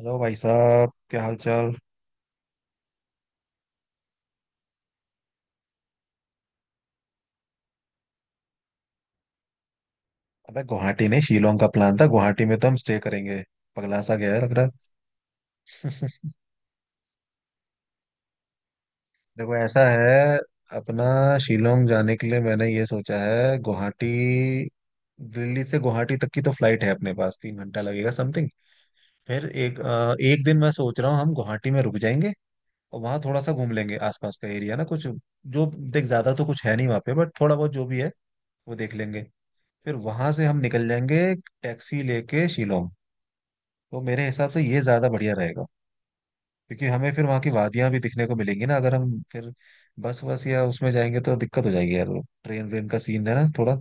Hello भाई साहब, क्या हाल चाल। अबे गुवाहाटी नहीं, शिलोंग का प्लान था। गुवाहाटी में तो हम स्टे करेंगे। पगला सा गया है लग रहा है। देखो ऐसा है, अपना शिलोंग जाने के लिए मैंने ये सोचा है। गुवाहाटी, दिल्ली से गुवाहाटी तक की तो फ्लाइट है अपने पास, 3 घंटा लगेगा समथिंग। फिर एक दिन मैं सोच रहा हूँ हम गुवाहाटी में रुक जाएंगे और वहाँ थोड़ा सा घूम लेंगे आसपास का एरिया ना, कुछ जो। देख, ज्यादा तो कुछ है नहीं वहाँ पे, बट थोड़ा बहुत जो भी है वो देख लेंगे। फिर वहां से हम निकल जाएंगे टैक्सी लेके शिलोंग। तो मेरे हिसाब से ये ज्यादा बढ़िया रहेगा, क्योंकि हमें फिर वहाँ की वादियां भी दिखने को मिलेंगी ना। अगर हम फिर बस बस या उसमें जाएंगे तो दिक्कत हो जाएगी यार। ट्रेन व्रेन का सीन है ना थोड़ा,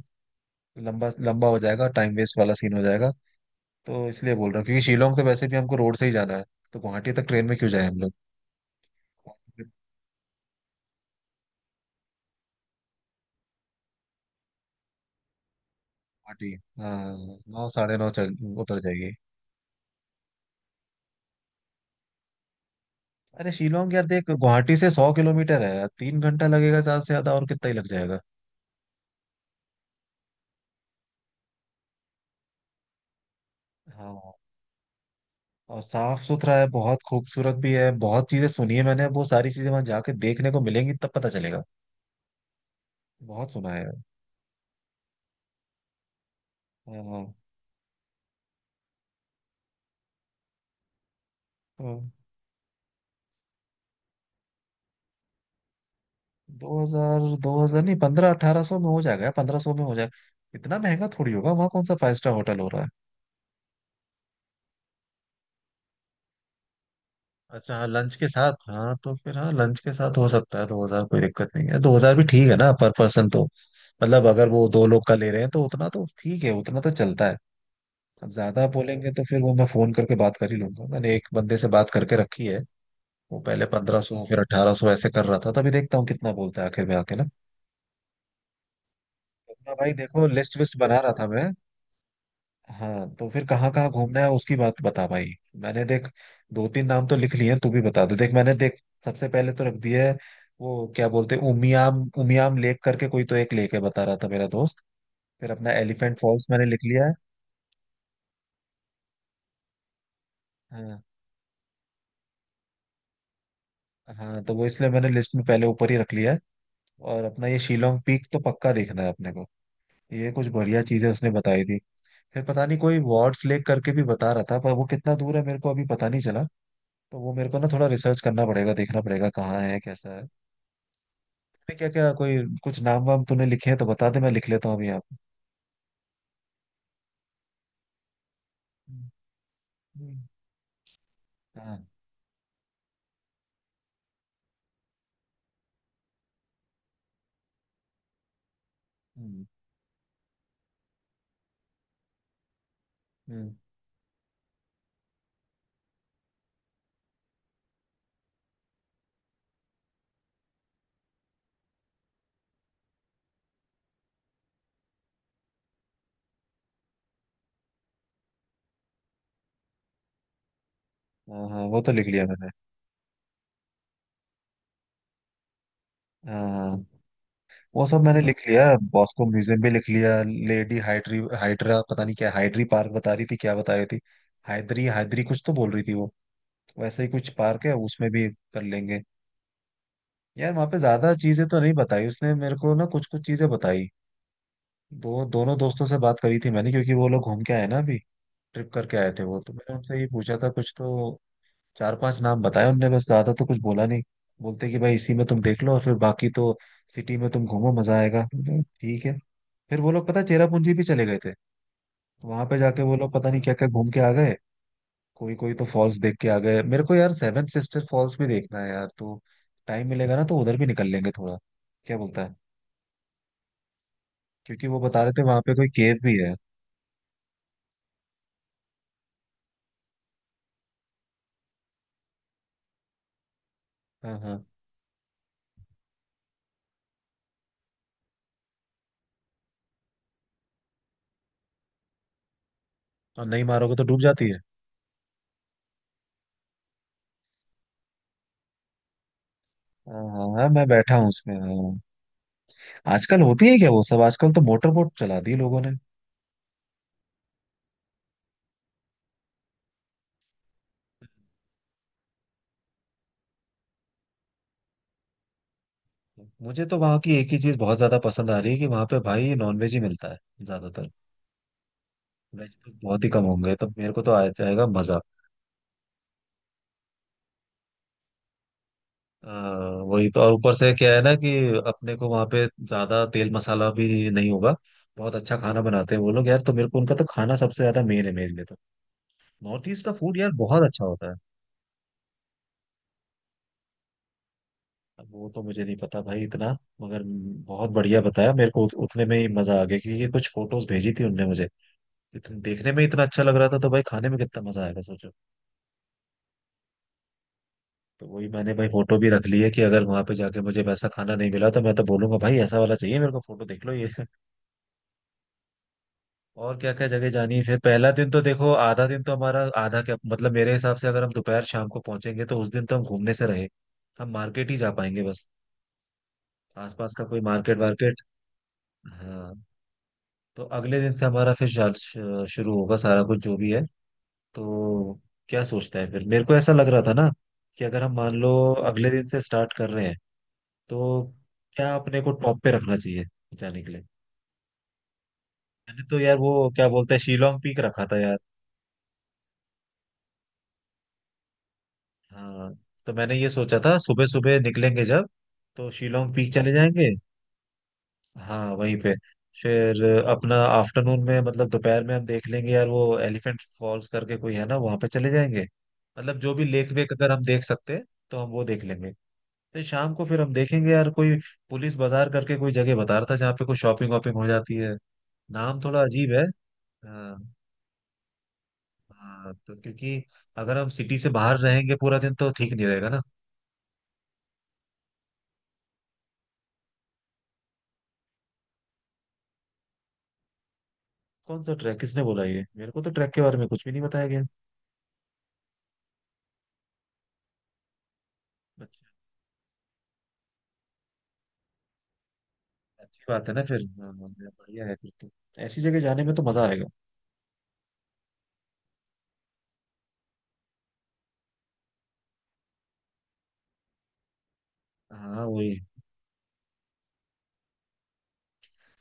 लंबा लंबा हो जाएगा, टाइम वेस्ट वाला सीन हो जाएगा। तो इसलिए बोल रहा हूँ, क्योंकि शिलोंग तो वैसे भी हमको रोड से ही जाना है, तो गुवाहाटी तक ट्रेन में क्यों जाए हम लोग। गुवाहाटी। हाँ। नौ साढ़े नौ चल उतर जाएगी। अरे शिलोंग यार, देख, गुवाहाटी से 100 किलोमीटर है, 3 घंटा लगेगा ज्यादा से ज्यादा, और कितना ही लग जाएगा। हाँ। और साफ सुथरा है, बहुत खूबसूरत भी है, बहुत चीजें सुनी है मैंने। वो सारी चीजें वहां जाके देखने को मिलेंगी, तब पता चलेगा। बहुत सुना है यार। हाँ, हाँ। हाँ, 2000, 2000 नहीं, पंद्रह अठारह सौ में हो जाएगा, 1500 में हो जाएगा। इतना महंगा थोड़ी होगा, वहाँ कौन सा फाइव स्टार होटल हो रहा है। अच्छा हाँ, लंच के साथ। हाँ तो फिर हाँ, लंच के साथ हो सकता है 2000, कोई दिक्कत नहीं है। 2000 भी ठीक है ना पर पर्सन तो, मतलब अगर वो दो लोग का ले रहे हैं तो उतना तो ठीक है, उतना तो चलता है। अब ज्यादा बोलेंगे तो फिर वो मैं फोन करके बात कर ही लूंगा। मैंने एक बंदे से बात करके रखी है। वो पहले 1500 फिर 1800 ऐसे कर रहा था, तभी देखता हूँ कितना बोलता है आखिर में आके ना। अपना भाई देखो, लिस्ट विस्ट बना रहा था मैं। हाँ तो फिर कहाँ कहाँ घूमना है उसकी बात बता भाई। मैंने देख, दो तीन नाम तो लिख लिए हैं, तू भी बता दे। देख मैंने देख, सबसे पहले तो रख दिया है वो क्या बोलते हैं उमियाम, उमियाम लेक करके कोई तो एक लेक है, बता रहा था मेरा दोस्त। फिर अपना एलिफेंट फॉल्स मैंने लिख लिया है। हाँ। हाँ तो वो इसलिए मैंने लिस्ट में पहले ऊपर ही रख लिया है। और अपना ये शिलोंग पीक तो पक्का देखना है अपने को। ये कुछ बढ़िया चीजें उसने बताई थी। फिर पता नहीं कोई वार्ड्स लेक करके भी बता रहा था, पर वो कितना दूर है मेरे को अभी पता नहीं चला। तो वो मेरे को ना थोड़ा रिसर्च करना पड़ेगा, देखना पड़ेगा कहाँ है कैसा है। तूने क्या क्या कोई कुछ नाम वाम तूने लिखे हैं तो बता दे, मैं लिख लेता हूँ अभी यहाँ पे। हम्म, हम्म। हाँ। हम्म, हम्म। हाँ हाँ, वो तो लिख लिया मैंने। हाँ, वो सब मैंने लिख लिया। बॉस्को म्यूजियम भी लिख लिया। लेडी हाइड्री, हाइड्रा पता नहीं क्या, हाइड्री पार्क बता रही थी, क्या बता रही थी, हाइद्री हाइद्री कुछ तो बोल रही थी वो। वैसा ही कुछ पार्क है, उसमें भी कर लेंगे। यार वहाँ पे ज्यादा चीजें तो नहीं बताई उसने मेरे को ना, कुछ कुछ चीजें बताई। वो दोनों दोस्तों से बात करी थी मैंने, क्योंकि वो लोग घूम के आए ना अभी। ट्रिप करके आए थे, वो तो मैंने उनसे ही पूछा था कुछ तो। चार पांच नाम बताए उनने बस, ज्यादा तो कुछ बोला नहीं। बोलते कि भाई इसी में तुम देख लो, और फिर बाकी तो सिटी में तुम घूमो, मजा आएगा। मैंने कहा, ठीक है। फिर वो लोग पता है चेरापूंजी भी चले गए थे। तो वहां पे जाके वो लोग पता नहीं क्या क्या घूम के आ गए। कोई कोई तो फॉल्स देख के आ गए। मेरे को यार सेवन सिस्टर फॉल्स भी देखना है यार, तो टाइम मिलेगा ना तो उधर भी निकल लेंगे थोड़ा। क्या बोलता है। क्योंकि वो बता रहे थे वहां पे कोई केव भी है। हाँ हाँ। और नहीं मारोगे तो डूब जाती है। हाँ हाँ हाँ, मैं बैठा हूँ उसमें हाँ। आजकल होती है क्या वो सब, आजकल तो मोटर बोट चला दी लोगों ने। मुझे तो वहाँ की एक ही चीज बहुत ज्यादा पसंद आ रही है कि वहां पे भाई नॉनवेज ही मिलता है ज्यादातर। वेज तो बहुत ही कम होंगे, तो मेरे को तो आ जाएगा मजा। आ, वही तो। और ऊपर से क्या है ना कि अपने को वहां पे ज्यादा तेल मसाला भी नहीं होगा। बहुत अच्छा खाना बनाते हैं वो लोग यार, तो मेरे को उनका तो खाना सबसे ज्यादा मेन है मेरे लिए तो। नॉर्थ ईस्ट का फूड यार बहुत अच्छा होता है। अब वो तो मुझे नहीं पता भाई इतना, मगर बहुत बढ़िया बताया मेरे को। उतने में ही मजा आ गया, क्योंकि ये कुछ फोटोज भेजी थी उनने मुझे। इतने देखने में इतना अच्छा लग रहा था, तो भाई खाने में कितना मजा आएगा सोचो। तो वही मैंने भाई फोटो भी रख ली है कि अगर वहां पे जाके मुझे वैसा खाना नहीं मिला तो मैं तो बोलूंगा, भाई ऐसा वाला चाहिए मेरे को, फोटो देख लो ये। और क्या क्या जगह जानी है फिर। पहला दिन तो देखो आधा दिन तो हमारा, आधा क्या मतलब, मेरे हिसाब से अगर हम दोपहर शाम को पहुंचेंगे तो उस दिन तो हम घूमने से रहे। हम मार्केट ही जा पाएंगे बस, आसपास का कोई मार्केट वार्केट। हाँ तो अगले दिन से हमारा फिर शुरू होगा सारा कुछ जो भी है। तो क्या सोचता है फिर, मेरे को ऐसा लग रहा था ना कि अगर हम मान लो अगले दिन से स्टार्ट कर रहे हैं, तो क्या अपने को टॉप पे रखना चाहिए जाने के लिए। मैंने तो यार वो क्या बोलते हैं शिलोंग पीक रखा था यार। हाँ, तो मैंने ये सोचा था सुबह सुबह निकलेंगे जब, तो शिलोंग पीक चले जाएंगे। हाँ वहीं पे। फिर अपना आफ्टरनून में मतलब दोपहर में हम देख लेंगे यार वो एलिफेंट फॉल्स करके कोई है ना, वहां पे चले जाएंगे। मतलब जो भी लेक वेक अगर हम देख सकते हैं तो हम वो देख लेंगे। फिर शाम को फिर हम देखेंगे यार कोई, पुलिस बाजार करके कोई जगह बता रहा था जहाँ पे कोई शॉपिंग वॉपिंग हो जाती है। नाम थोड़ा अजीब है। हाँ। हाँ तो क्योंकि अगर हम सिटी से बाहर रहेंगे पूरा दिन तो ठीक नहीं रहेगा ना। कौन सा ट्रैक, किसने बोला, ये मेरे को तो ट्रैक के बारे में कुछ भी नहीं बताया गया। अच्छी बात है ना फिर, हाँ हाँ, बढ़िया है फिर तो, ऐसी जगह जाने में तो मजा आएगा। हाँ वही।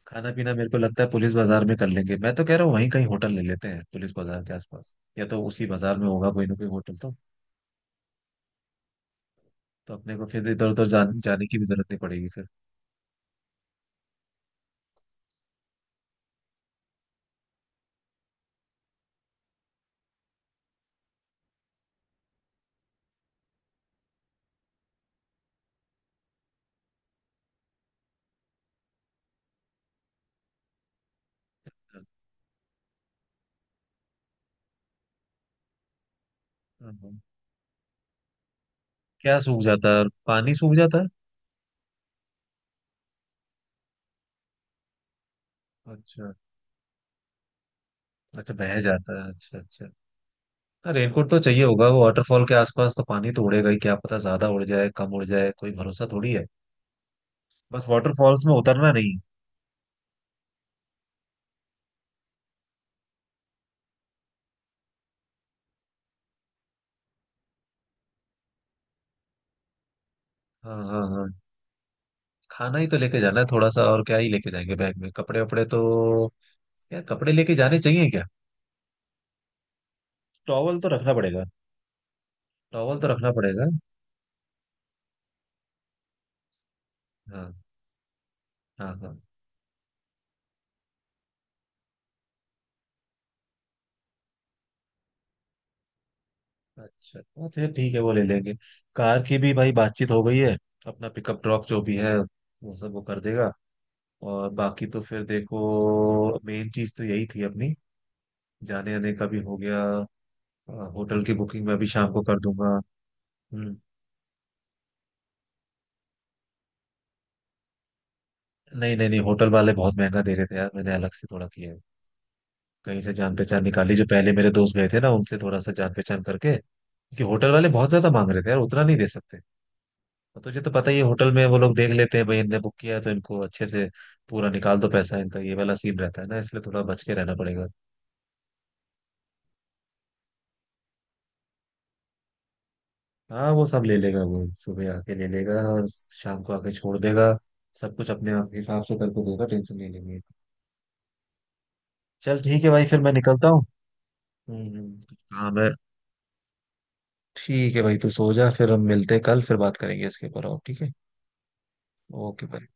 खाना पीना मेरे को लगता है पुलिस बाजार में कर लेंगे। मैं तो कह रहा हूँ वहीं कहीं होटल ले लेते हैं पुलिस बाजार के आसपास, या तो उसी बाजार में होगा कोई ना कोई होटल तो। तो अपने को फिर इधर उधर जाने की भी जरूरत नहीं पड़ेगी फिर। हाँ, हाँ। क्या सूख जाता है, पानी सूख जाता है। अच्छा, अच्छा बह जाता है। अच्छा अच्छा। हाँ रेनकोट तो चाहिए होगा, वो वाटरफॉल के आसपास तो पानी तो उड़ेगा ही, क्या पता ज्यादा उड़ जाए कम उड़ जाए, कोई भरोसा थोड़ी है। बस वाटरफॉल्स में उतरना नहीं। हाँ हाँ हाँ। खाना ही तो लेके जाना है थोड़ा सा, और क्या ही लेके जाएंगे बैग में, कपड़े वपड़े तो। यार कपड़े लेके जाने चाहिए क्या। टॉवल तो रखना पड़ेगा। टॉवल तो रखना पड़ेगा। हाँ हाँ हाँ। अच्छा हाँ, फिर ठीक है वो ले लेंगे। कार की भी भाई बातचीत हो गई है, अपना पिकअप ड्रॉप जो भी है वो सब वो कर देगा। और बाकी तो फिर देखो मेन चीज तो यही थी अपनी, जाने आने का भी हो गया। होटल की बुकिंग मैं अभी शाम को कर दूंगा। हम्म। नहीं नहीं नहीं, होटल वाले बहुत महंगा दे रहे थे यार, मैंने अलग से थोड़ा किया है। कहीं से जान पहचान निकाली, जो पहले मेरे दोस्त गए थे ना, उनसे थोड़ा सा जान पहचान करके। क्योंकि होटल वाले बहुत ज्यादा मांग रहे थे यार, उतना नहीं दे सकते। और तुझे तो पता ही है होटल में वो लोग देख लेते हैं, भाई इनने बुक किया है तो इनको अच्छे से पूरा निकाल दो पैसा इनका, ये वाला सीन रहता है ना, इसलिए थोड़ा बच के रहना पड़ेगा। हाँ वो सब ले लेगा, वो सुबह आके ले लेगा और शाम को आके छोड़ देगा। सब कुछ अपने आप हिसाब से करके देगा, टेंशन नहीं लेंगे। चल ठीक है भाई, फिर मैं निकलता हूँ। कुछ काम है। ठीक है भाई, तू सो जा, फिर हम मिलते हैं कल, फिर बात करेंगे इसके ऊपर, और ठीक है। ओके भाई।